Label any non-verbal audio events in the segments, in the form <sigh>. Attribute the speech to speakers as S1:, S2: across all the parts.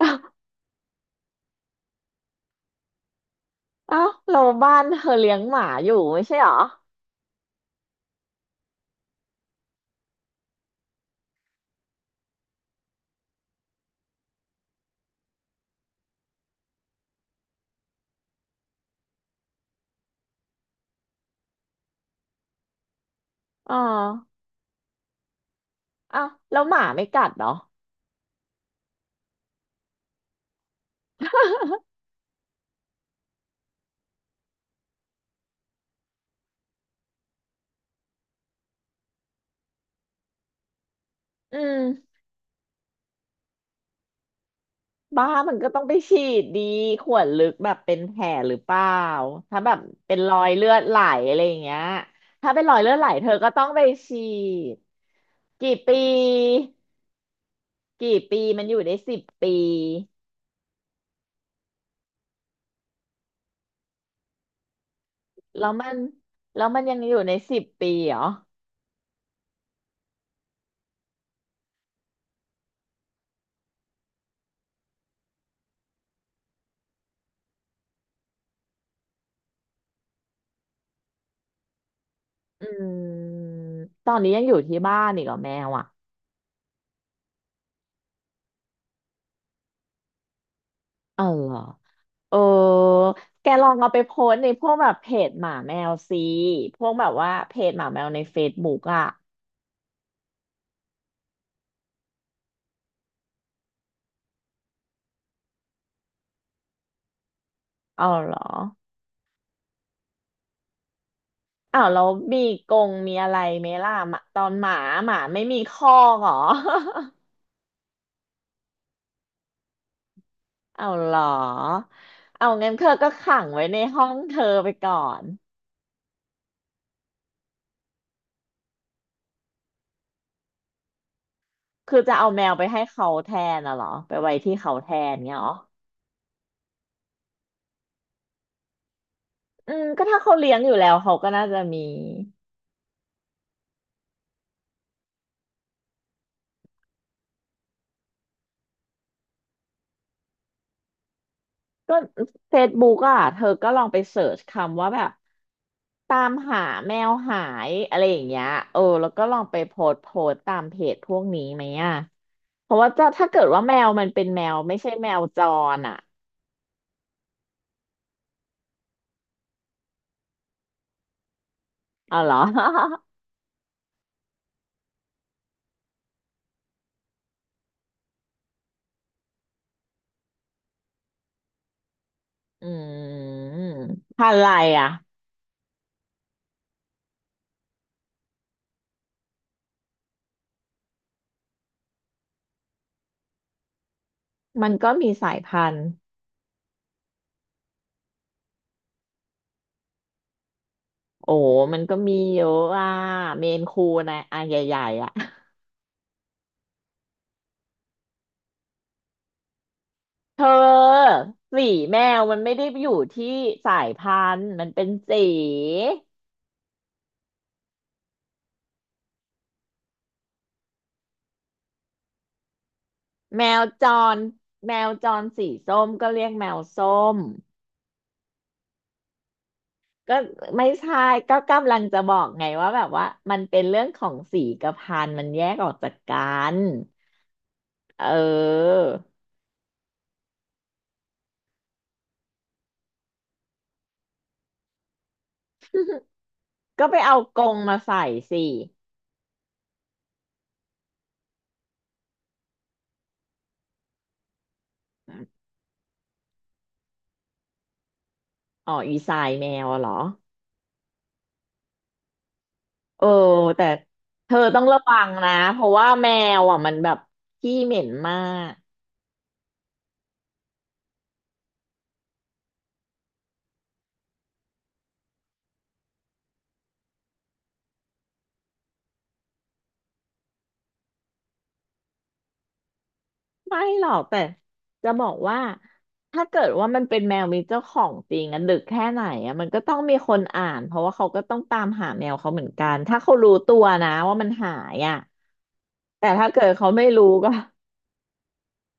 S1: อ้าวอ้าวเราบ้านเธอเลี้ยงหมาอยู่ไม่ใช่เหรออ๋ออ้าวแล้วหมาไม่กัดเหรอ <laughs> อืมบ้ามันก็ต้องไปฉีดดีขวดลึกแบบเป็นแผลหรือเปล่าถ้าแบบเป็นรอยเลือดไหลอะไรอย่างเงี้ยถ้าเป็นรอยเลือดไหลเธอก็ต้องไปฉีดกี่ปีกี่ปีมันอยู่ได้สิบปีแล้วมันแล้วมันยังอยู่ในสิบปีเหรออืมตอนนี้ยังอยู่ที่บ้านอีกเหรอแมวอ่ะเออเหรอ เออแกลองเอาไปโพสต์ในพวกแบบเพจหมาแมวสิพวกแบบว่าเพจหมาแมวในเฟซบุ๊กอ่ะเอาเหรออ้าวแล้วมีกรงมีอะไรไหมล่ะหมาตอนหมาหมาไม่มีคอกเหรอ <laughs> เอา <laughs> เหรอเอางั้นเธอก็ขังไว้ในห้องเธอไปก่อนคือจะเอาแมวไปให้เขาแทนน่ะเหรอไปไว้ที่เขาแทนเงี้ยเหรออืมก็ถ้าเขาเลี้ยงอยู่แล้วเขาก็น่าจะมี ก็เฟซบุ๊กอ่ะเธอก็ลองไปเสิร์ชคำว่าแบบตามหาแมวหายอะไรอย่างเงี้ยเออแล้วก็ลองไปโพสต์ตามเพจพวกนี้ไหมอ่ะเพราะว่าจะถ้าเกิดว่าแมวมันเป็นแมวไม่ใช่แมวจรอ่ะเอาเหรอ <laughs> อืมพันธุ์อะไรอ่ะมันก็มีสายพันธุ์โอ้ มันก็มีเยอะอ่ะเมนคูนะอ่ะใหญ่ๆอ่ะเธอสีแมวมันไม่ได้อยู่ที่สายพันธุ์มันเป็นสี แมวจรแมวจรสีส้มก็เรียกแมวส้มก็ไม่ใช่ก็กำลังจะบอกไงว่าแบบว่ามันเป็นเรื่องของสีกับพันธุ์มันแยกออกจากกันเออก็ไปเอากรงมาใส่สิอ๋ออีสายแมวอะเหรอเออแต่เธอต้องระวังนะเพราะว่าแมวอ่ะมันแบบขี้เหม็นมาก ไม่หรอกแต่จะบอกว่าถ้าเกิดว่ามันเป็นแมวมีเจ้าของจริงอะดึกแค่ไหนอะมันก็ต้องมีคนอ่านเพราะว่าเขาก็ต้องตามหาแมวเขาเหมือนกันถ้าเขารู้ตัวนะว่ามันหายอะแต่ถ้าเกิดเขาไม่รู้ก็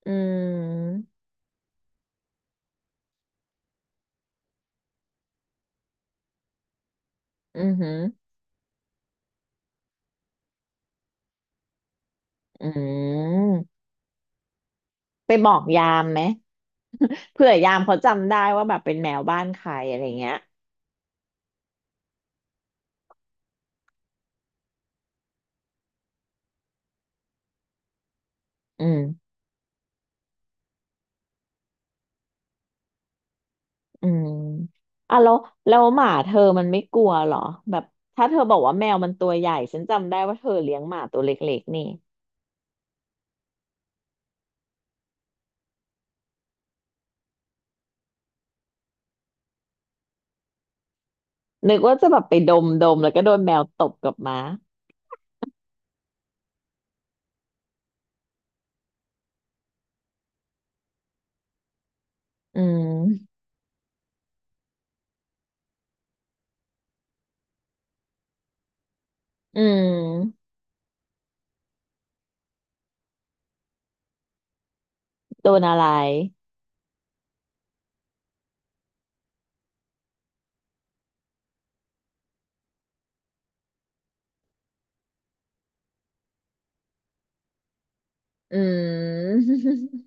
S1: อืมอือหืออืมไปบอกยามไหมเผื่อยามเขาจำได้ว่าแบบเป็นแมวบ้านใครอะไรเงี้ยอืม อืมอ่ะแล้วหมาเธอมันไม่กลัวเหรอแบบถ้าเธอบอกว่าแมวมันตัวใหญ่ฉันจำได้ว่าเธอเลี้ยงหมาตัวเล็กๆนี่นึกว่าจะแบบไปดมดมแล้วก็โดนแมวตบกลับมาอืมอืมโดนอะไรอืม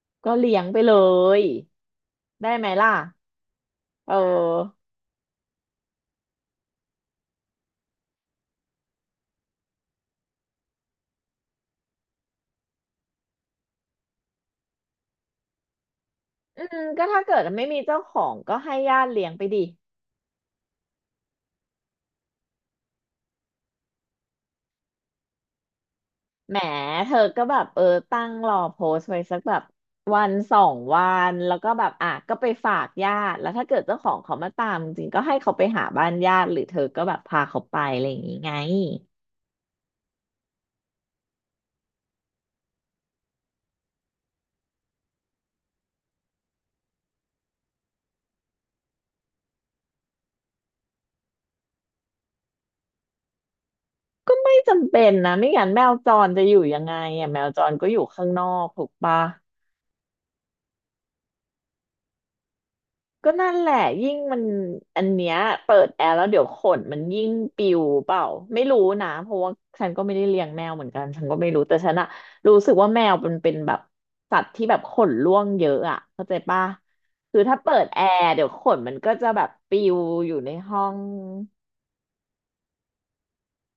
S1: <laughs> ก็เลี้ยงไปเลยได้ไหมล่ะเอออืมก็ถ้าเกิดไม่มีเจ้าของก็ให้ญาติเลี้ยงไปดิ แหมเธอก็แบบเออตั้งรอโพสต์ไว้สักแบบวันสองวันแล้วก็แบบอ่ะก็ไปฝากญาติแล้วถ้าเกิดเจ้าของเขามาตามจริงๆก็ให้เขาไปหาบ้านญาติหรือเธอก็แบบพาเขาไปอะไรอย่างงี้ไงก็ไม่จำเป็นนะไม่งั้นแมวจรจะอยู่ยังไงอ่ะแมวจรก็อยู่ข้างนอกถูกปะ ก็นั่นแหละยิ่งมันอันเนี้ยเปิดแอร์แล้วเดี๋ยวขนมันยิ่งปิวเปล่าไม่รู้นะเพราะว่าฉันก็ไม่ได้เลี้ยงแมวเหมือนกันฉันก็ไม่รู้แต่ฉันอะรู้สึกว่าแมวมันเป็นแบบสัตว์ที่แบบขนร่วงเยอะอะเข้าใจปะคือถ้าเปิดแอร์เดี๋ยวขนมันก็จะแบบปิวอยู่ในห้อง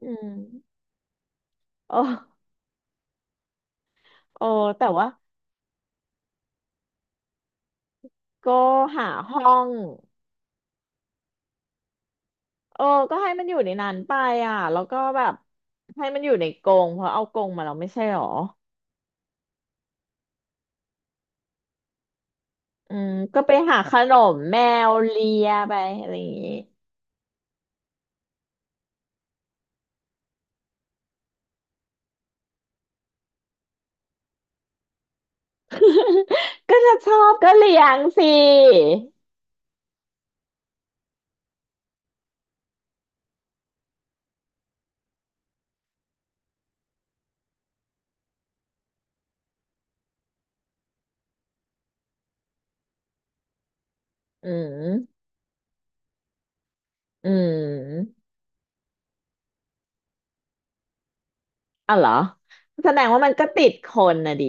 S1: อืมโอ้โอ้แต่ว่าก็หาห้องเออก็ให้มันอยู่ในนั้นไปอ่ะแล้วก็แบบให้มันอยู่ในกรงเพราะเอากรงมาเราไม่ใช่หรอ อืมก็ไปหาขนมแมวเลียไปอะไรอย่างนี้ <laughs> ก็ถ้าชอบก็เลี้ยงสิอืมอืมอ๋อเหรอแสดงว่ามันก็ติดคนนะดิ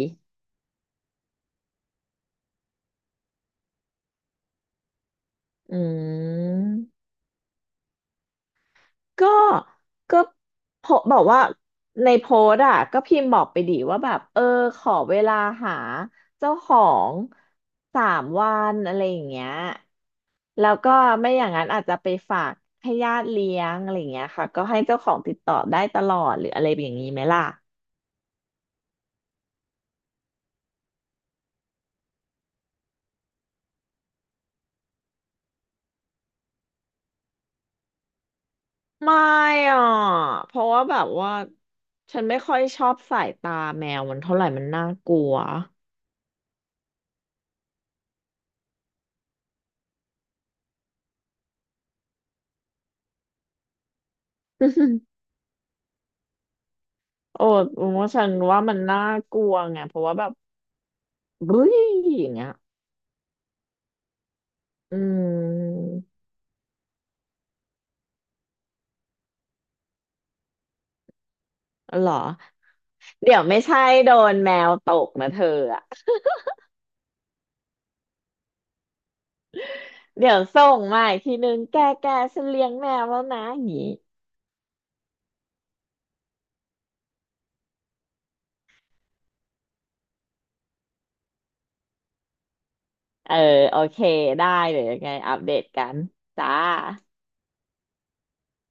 S1: อืมก็ก็โพบอกว่าในโพสต์อ่ะก็พิมพ์บอกไปดิว่าแบบเออขอเวลาหาเจ้าของ3 วันอะไรอย่างเงี้ย แล้วก็ไม่อย่างนั้นอาจจะไปฝากให้ญาติเลี้ยงอะไรอย่างเงี้ยค่ะก็ให้เจ้าของติดต่อได้ตลอดหรืออะไรอย่างนี้ไหมล่ะไม่อ่ะเพราะว่าแบบว่าฉันไม่ค่อยชอบสายตาแมวมันเท่าไหร่มันน่ากลัว <laughs> โอ้ผมว่าฉันว่ามันน่ากลัวไงเพราะว่าแบบบึ้ยอย่างเงี้ยอืมเหรอเดี๋ยวไม่ใช่โดนแมวตกนะเธออะเดี๋ยวส่งมาอีกทีนึงแกแกฉันเลี้ยงแมวแล้วนะอย่างงี้ เออโอเคได้เดี๋ยวยังไงอัปเดตกันจ้า